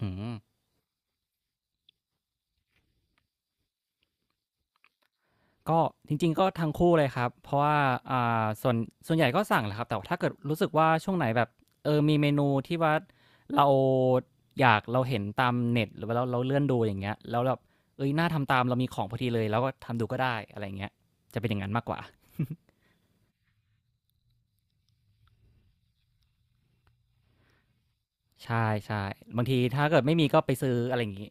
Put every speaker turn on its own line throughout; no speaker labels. อืมก็จริงๆก็ทั้งคู่เลยครับเพราะว่าส่วนส่วนใหญ่ก็สั่งแหละครับแต่ว่าถ้าเกิดรู้สึกว่าช่วงไหนแบบมีเมนูที่ว่าเราอยากเราเห็นตามเน็ตหรือว่าเราเลื่อนดูอย่างเงี้ยแล้วแบบเอ้ยน่าทำตามเรามีของพอดีเลยเราก็ทำดูก็ได้อะไรอย่างเงี้ยจะเป็นอย่างนั้นมากกว่าใช่ใช่บางทีถ้าเกิดไม่มีก็ไปซื้ออะไรอย่างงี้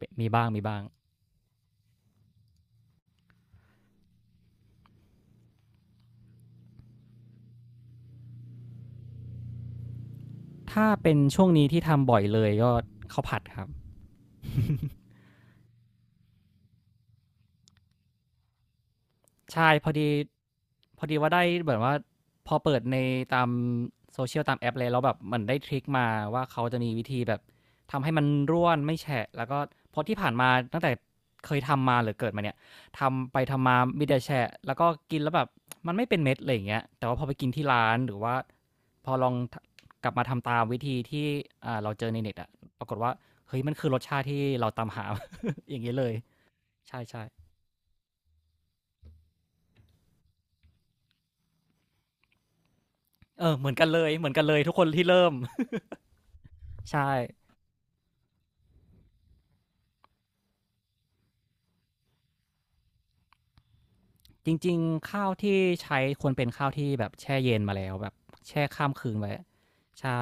ปมีบ้างมีบ้างถ้าเป็นช่วงนี้ที่ทำบ่อยเลยก็ข้าวผัดครับ ใช่พอดีพอดีว่าได้เหมือนว่าพอเปิดในตามโซเชียลตามแอปเลยแล้วแบบมันได้ทริกมาว่าเขาจะมีวิธีแบบทำให้มันร่วนไม่แฉะแล้วก็เพราะที่ผ่านมาตั้งแต่เคยทำมาหรือเกิดมาเนี่ยทำไปทำมามีแต่แฉะแล้วก็กินแล้วแบบมันไม่เป็นเม็ดอะไรอย่างเงี้ยแต่ว่าพอไปกินที่ร้านหรือว่าพอลองทะกลับมาทำตามวิธีที่เราเจอในเน็ตอะปรากฏว่าเฮ้ยมันคือรสชาติที่เราตามหา อย่างงี้เลยใช่ๆเออเหมือนกันเลยเหมือนกันเลยทุกคนที่เริ่ม ใช่จริงๆข้าวที่ใช้ควรเป็นข้าวที่แบบแช่เย็นมาแล้วแบบแช่ข้ามคืนไว้ใช่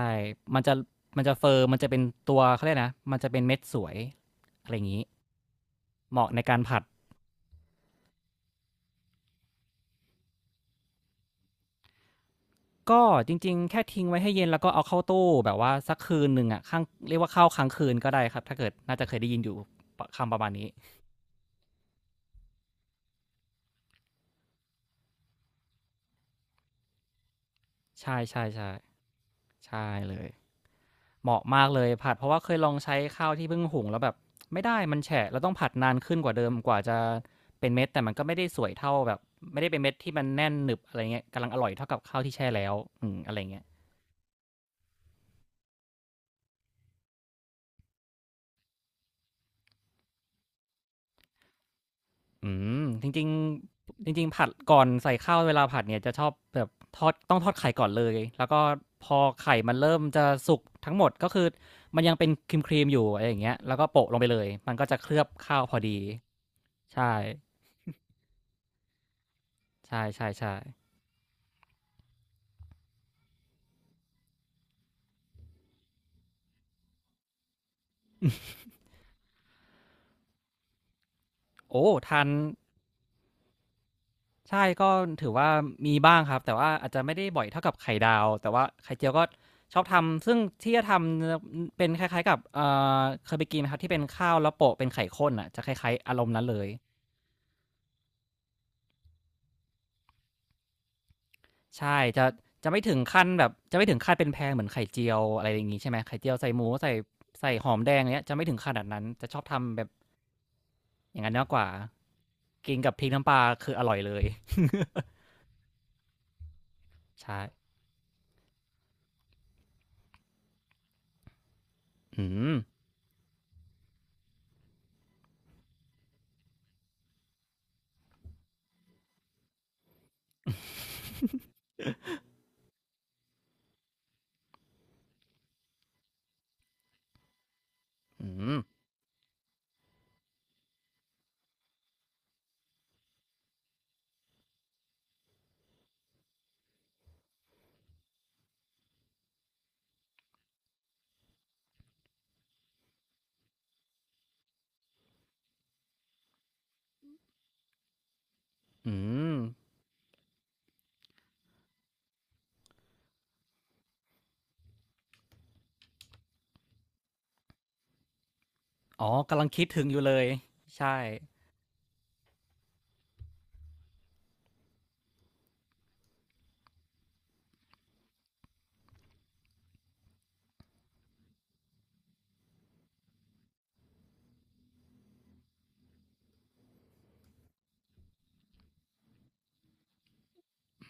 มันจะมันจะเฟิร์มมันจะเป็นตัวเขาเรียกนะมันจะเป็นเม็ดสวยอะไรอย่างนี้เหมาะในการผัดก็จริงๆแค่ทิ้งไว้ให้เย็นแล้วก็เอาเข้าตู้แบบว่าสักคืนหนึ่งอ่ะข้างเรียกว่าข้าวค้างคืนก็ได้ครับถ้าเกิดน่าจะเคยได้ยินอยู่ปคำประมาณนี้ใช่ใช่ใช่ใช่เลย เหมาะมากเลยผัดเพราะว่าเคยลองใช้ข้าวที่เพิ่งหุงแล้วแบบไม่ได้มันแฉะเราต้องผัดนานขึ้นกว่าเดิมกว่าจะเป็นเม็ดแต่มันก็ไม่ได้สวยเท่าแบบไม่ได้เป็นเม็ดที่มันแน่นหนึบอะไรเงี้ยกำลังอร่อยเท่ากับข้าวที่แช่แล้วอืมอะไรเงี้ยอืจริงๆจริงๆผัดก่อนใส่ข้าวเวลาผัดเนี่ยจะชอบแบบทอดต้องทอดไข่ก่อนเลยแล้วก็พอไข่มันเริ่มจะสุกทั้งหมดก็คือมันยังเป็นครีมครีมอยู่อะไรอย่างเงี้ยแล้วก็โปะลงไปเลยมันก็จะเคลือบข้าวพอดีใช่ใช่ใช่ใช่ โอ้ทันใช่ก็ถือว่ามีบ้างครับแต่ว่าอาจจะไม่ได้บ่อยเท่ากับไข่ดาวแต่ว่าไข่เจียวก็ชอบทำซึ่งที่จะทำจะเป็นคล้ายๆกับเคยไปกินไหมครับที่เป็นข้าวแล้วโปะเป็นไข่ข้นอะจะคล้ายๆอารมณ์นั้นเลยใช่จะไม่ถึงขั้นแบบจะไม่ถึงขั้นเป็นแพงเหมือนไข่เจียวอะไรอย่างงี้ใช่ไหมไข่เจียวใส่หมูใส่หอมแดงอย่างเงี้ยจะไม่ถึงขนาดนั้นจะชอบทำแบบอย่างนั้นมากกว่ากินกับพริกน้ำปลาคืออร่อยเลยใช่อืมอืมอืม อ๋อกำลังคิดถึงอยู่เลยใช่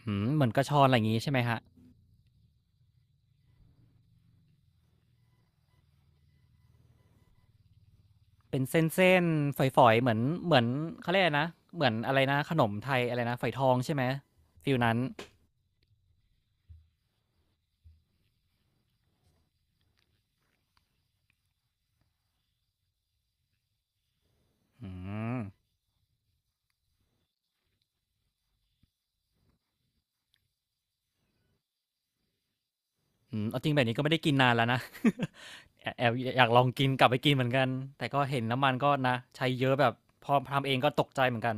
อืมเหมือนกระชอนอะไรอย่างงี้ใช่ไหมครับเป็นเส้นๆฝอยๆเหมือนเหมือนเขาเรียกอะไรนะเหมือนอะไรนะขนมไทยอะไรนะฝอยทองใช่ไหมฟีลนั้นอืมอืมเอาจริงแบบนี้ก็ไม่ได้กินนานแล้วนะ แอบแอบอยากลองกินกลับไปกินเหมือนกันแต่ก็เห็นน้ำมันก็นะใช้เยอะแบบพอทำเองก็ตกใจเหมือนกัน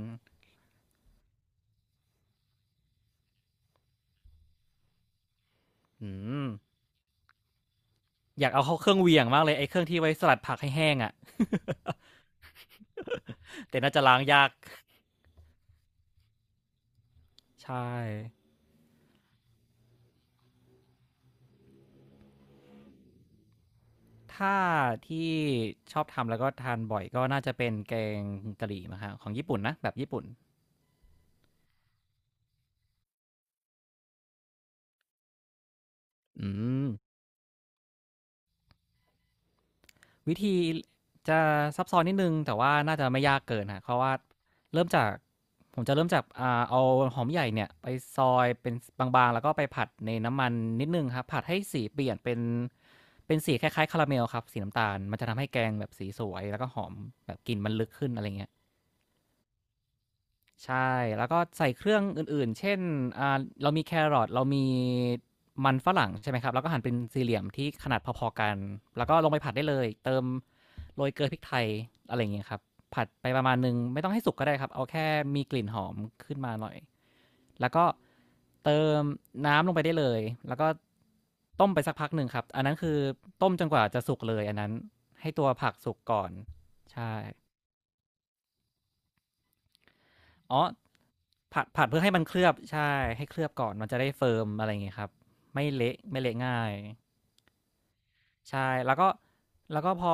อืมอยากเอาเข้าเครื่องเหวี่ยงมากเลยไอ้เครื่องที่ไว้สลัดผักให้แห้งอะแต่น่าจะล้างยากใช่ ถ้าที่ชอบทำแล้วก็ทานบ่อยก็น่าจะเป็นแกงกะหรี่มั้งครับของญี่ปุ่นนะแบบญี่ปุ่นอืมวิธีจะซับซ้อนนิดนึงแต่ว่าน่าจะไม่ยากเกินฮะเพราะว่าเริ่มจากผมจะเริ่มจากเอาหอมใหญ่เนี่ยไปซอยเป็นบางๆแล้วก็ไปผัดในน้ำมันนิดนึงครับผัดให้สีเปลี่ยนเป็นเป็นสีคล้ายๆคาราเมลครับสีน้ำตาลมันจะทำให้แกงแบบสีสวยแล้วก็หอมแบบกลิ่นมันลึกขึ้นอะไรเงี้ย ใช่แล้วก็ใส่เครื่องอื่นๆเช่นเรามีแครอทเรามีมันฝรั่งใช่ไหมครับแล้วก็หั่นเป็นสี่เหลี่ยมที่ขนาดพอๆกันแล้วก็ลงไปผัดได้เลยเติมโรยเกลือพริกไทยอะไรอย่างเงี้ยครับผัดไปประมาณหนึ่งไม่ต้องให้สุกก็ได้ครับเอาแค่มีกลิ่นหอมขึ้นมาหน่อยแล้วก็เติมน้ำลงไปได้เลยแล้วก็ต้มไปสักพักหนึ่งครับอันนั้นคือต้มจนกว่าจะสุกเลยอันนั้นให้ตัวผักสุกก่อนใช่ อ๋อผัดผัดเพื่อให้มันเคลือบใช่ให้เคลือบก่อนมันจะได้เฟิร์มอะไรอย่างเงี้ยครับไม่เละไม่เละง่ายใช่แล้วก็แล้วก็พอ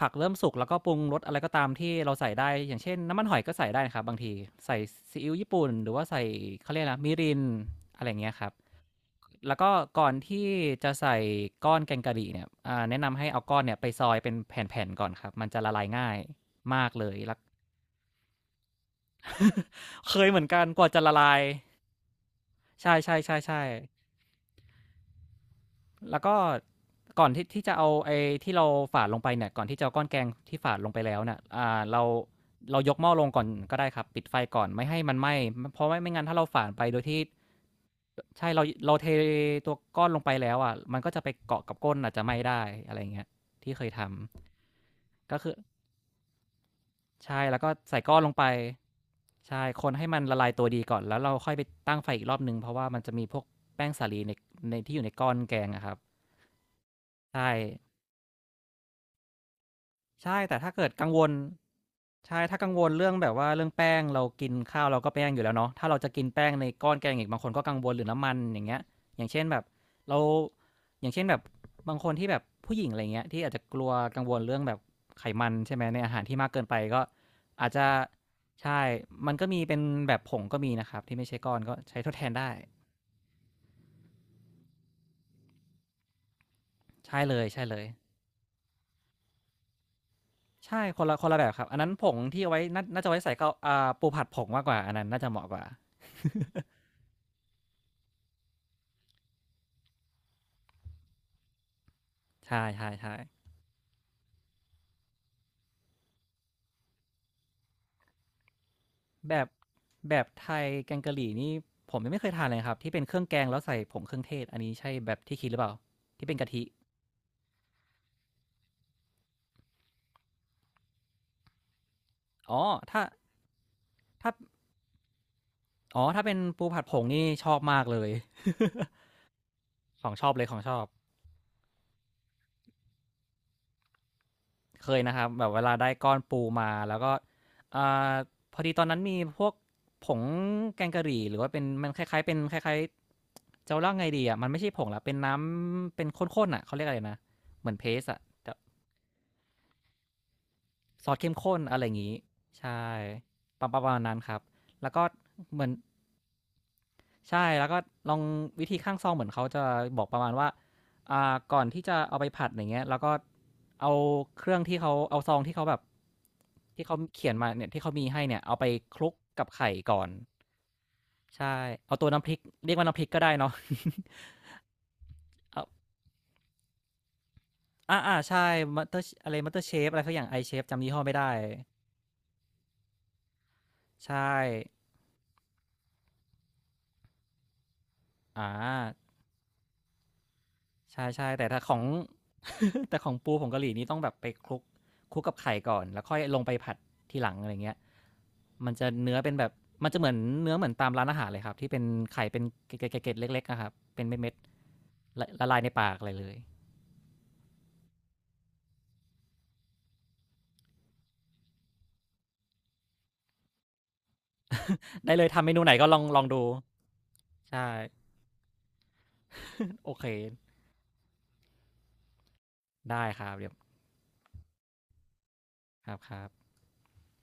ผักเริ่มสุกแล้วก็ปรุงรสอะไรก็ตามที่เราใส่ได้อย่างเช่นน้ำมันหอยก็ใส่ได้นะครับบางทีใส่ซีอิ๊วญี่ปุ่นหรือว่าใส่เขาเรียกนะมิรินอะไรอย่างเงี้ยครับแล้วก็ก่อนที่จะใส่ก้อนแกงกะหรี่เนี่ยแนะนำให้เอาก้อนเนี่ยไปซอยเป็นแผ่นๆก่อนครับมันจะละลายง่ายมากเลยแล้ว เคยเหมือนกันกว่าจะละลาย ใช่ๆช่ใช่ใช่แล้วก็ ก่อนที่จะเอาไอ้ที่เราฝานลงไปเนี่ยก่อนที่จะเอาก้อนแกงที่ฝานลงไปแล้วเนี่ยเราเรายกหม้อลงก่อนก็ได้ครับ ปิดไฟก่อนไม่ให้มันไหม้เพราะไม่งั้นถ้าเราฝานไปโดยที่ใช่เราเทตัวก้อนลงไปแล้วอะมันก็จะไปเกาะกับก้นอาจจะไหม้ได้อะไรเงี้ยที่เคยทำ ก็คือใช่ แล้วก็ใส่ก้อนลงไปใช่คนให้มันละลายตัวดีก่อน แล้วเราค่อยไปตั้งไฟอีกรอบนึงเพราะว่ามันจะมีพวกแป้งสาลีในในที่อยู่ในก้อนแกงอะครับ ใช่ใช่แต่ถ้าเกิดกังวลใช่ถ้ากังวลเรื่องแบบว่าเรื่องแป้งเรากินข้าวเราก็แป้งอยู่แล้วเนาะถ้าเราจะกินแป้งในก้อนแกงอีกบางคนก็กังวลหรือน้ำมันอย่างเงี้ยอย่างเช่นแบบเราอย่างเช่นแบบบางคนที่แบบผู้หญิงอะไรเงี้ยที่อาจจะกลัวกังวลเรื่องแบบไขมันใช่ไหมในอาหารที่มากเกินไปก็อาจจะใช่ มันก็มีเป็นแบบผงก็มีนะครับที่ไม่ใช่ก้อนก็ใช้ทดแทนได้ใช่เลยๆเลย ใช่คนละคนละแบบครับอันนั้นผงที่เอาไว้น่าจะไว้ใส่ข้าวอ่าปูผัดผงมากกว่าอันนั้นน่าจะเหมาะกว่า ใช่ใช่ใช่แบบแบบไทยแกงกะหรี่นี่ผมยังไม่เคยทานเลยครับที่เป็นเครื่องแกงแล้วใส่ผงเครื่องเทศอันนี้ใช่แบบที่คิดหรือเปล่าที่เป็นกะทิอ๋อถ้าถ้าอ๋อถ้าเป็นปูผัดผงนี่ชอบมากเลย ของชอบเลยของชอบ เคยนะครับแบบเวลาได้ก้อนปูมาแล้วก็อ่าพอดีตอนนั้นมีพวกผงแกงกะหรี่หรือว่าเป็นมันคล้ายๆเป็นคล้ายๆจะเล่าไงดีอ่ะมันไม่ใช่ผงละเป็นน้ำเป็นข้นๆอ่ะเขาเรียกอะไรนะเหมือนเพสอะแต่ ซอสเข้มข้นอะไรอย่างนี้ใช่ประมาณนั้นครับแล้วก็เหมือนใช่แล้วก็ลองวิธีข้างซองเหมือนเขาจะบอกประมาณว่าก่อนที่จะเอาไปผัดอย่างเงี้ยแล้วก็เอาเครื่องที่เขาเอาซองที่เขาแบบที่เขาเขียนมาเนี่ยที่เขามีให้เนี่ยเอาไปคลุกกับไข่ก่อนใช่เอาตัวน้ำพริกเรียกว่าน้ำพริกก็ได้เนาะ เอาอ่าอ่าใช่มัตเตอร์อะไรมัตเตอร์เชฟอะไรสักอย่างไอเชฟจำยี่ห้อไม่ได้ใช่อ่า ใช่ใช่แต่ถ้าของ แต่ของปูผงกะหรี่นี่ต้องแบบไปคลุกกับไข่ก่อนแล้วค่อยลงไปผัดทีหลังอะไรเงี้ยมันจะเนื้อเป็นแบบมันจะเหมือนเนื้อเหมือนตามร้านอาหารเลยครับที่เป็นไข่เป็นเกล็ดๆเล็กๆอะครับเป็นเม็ดๆละละลายในปากอะไรเลยได้เลยทำเมนูไหนก็ลองลองดูใช่ โอเคได้ครับเดี๋ยวครับครับ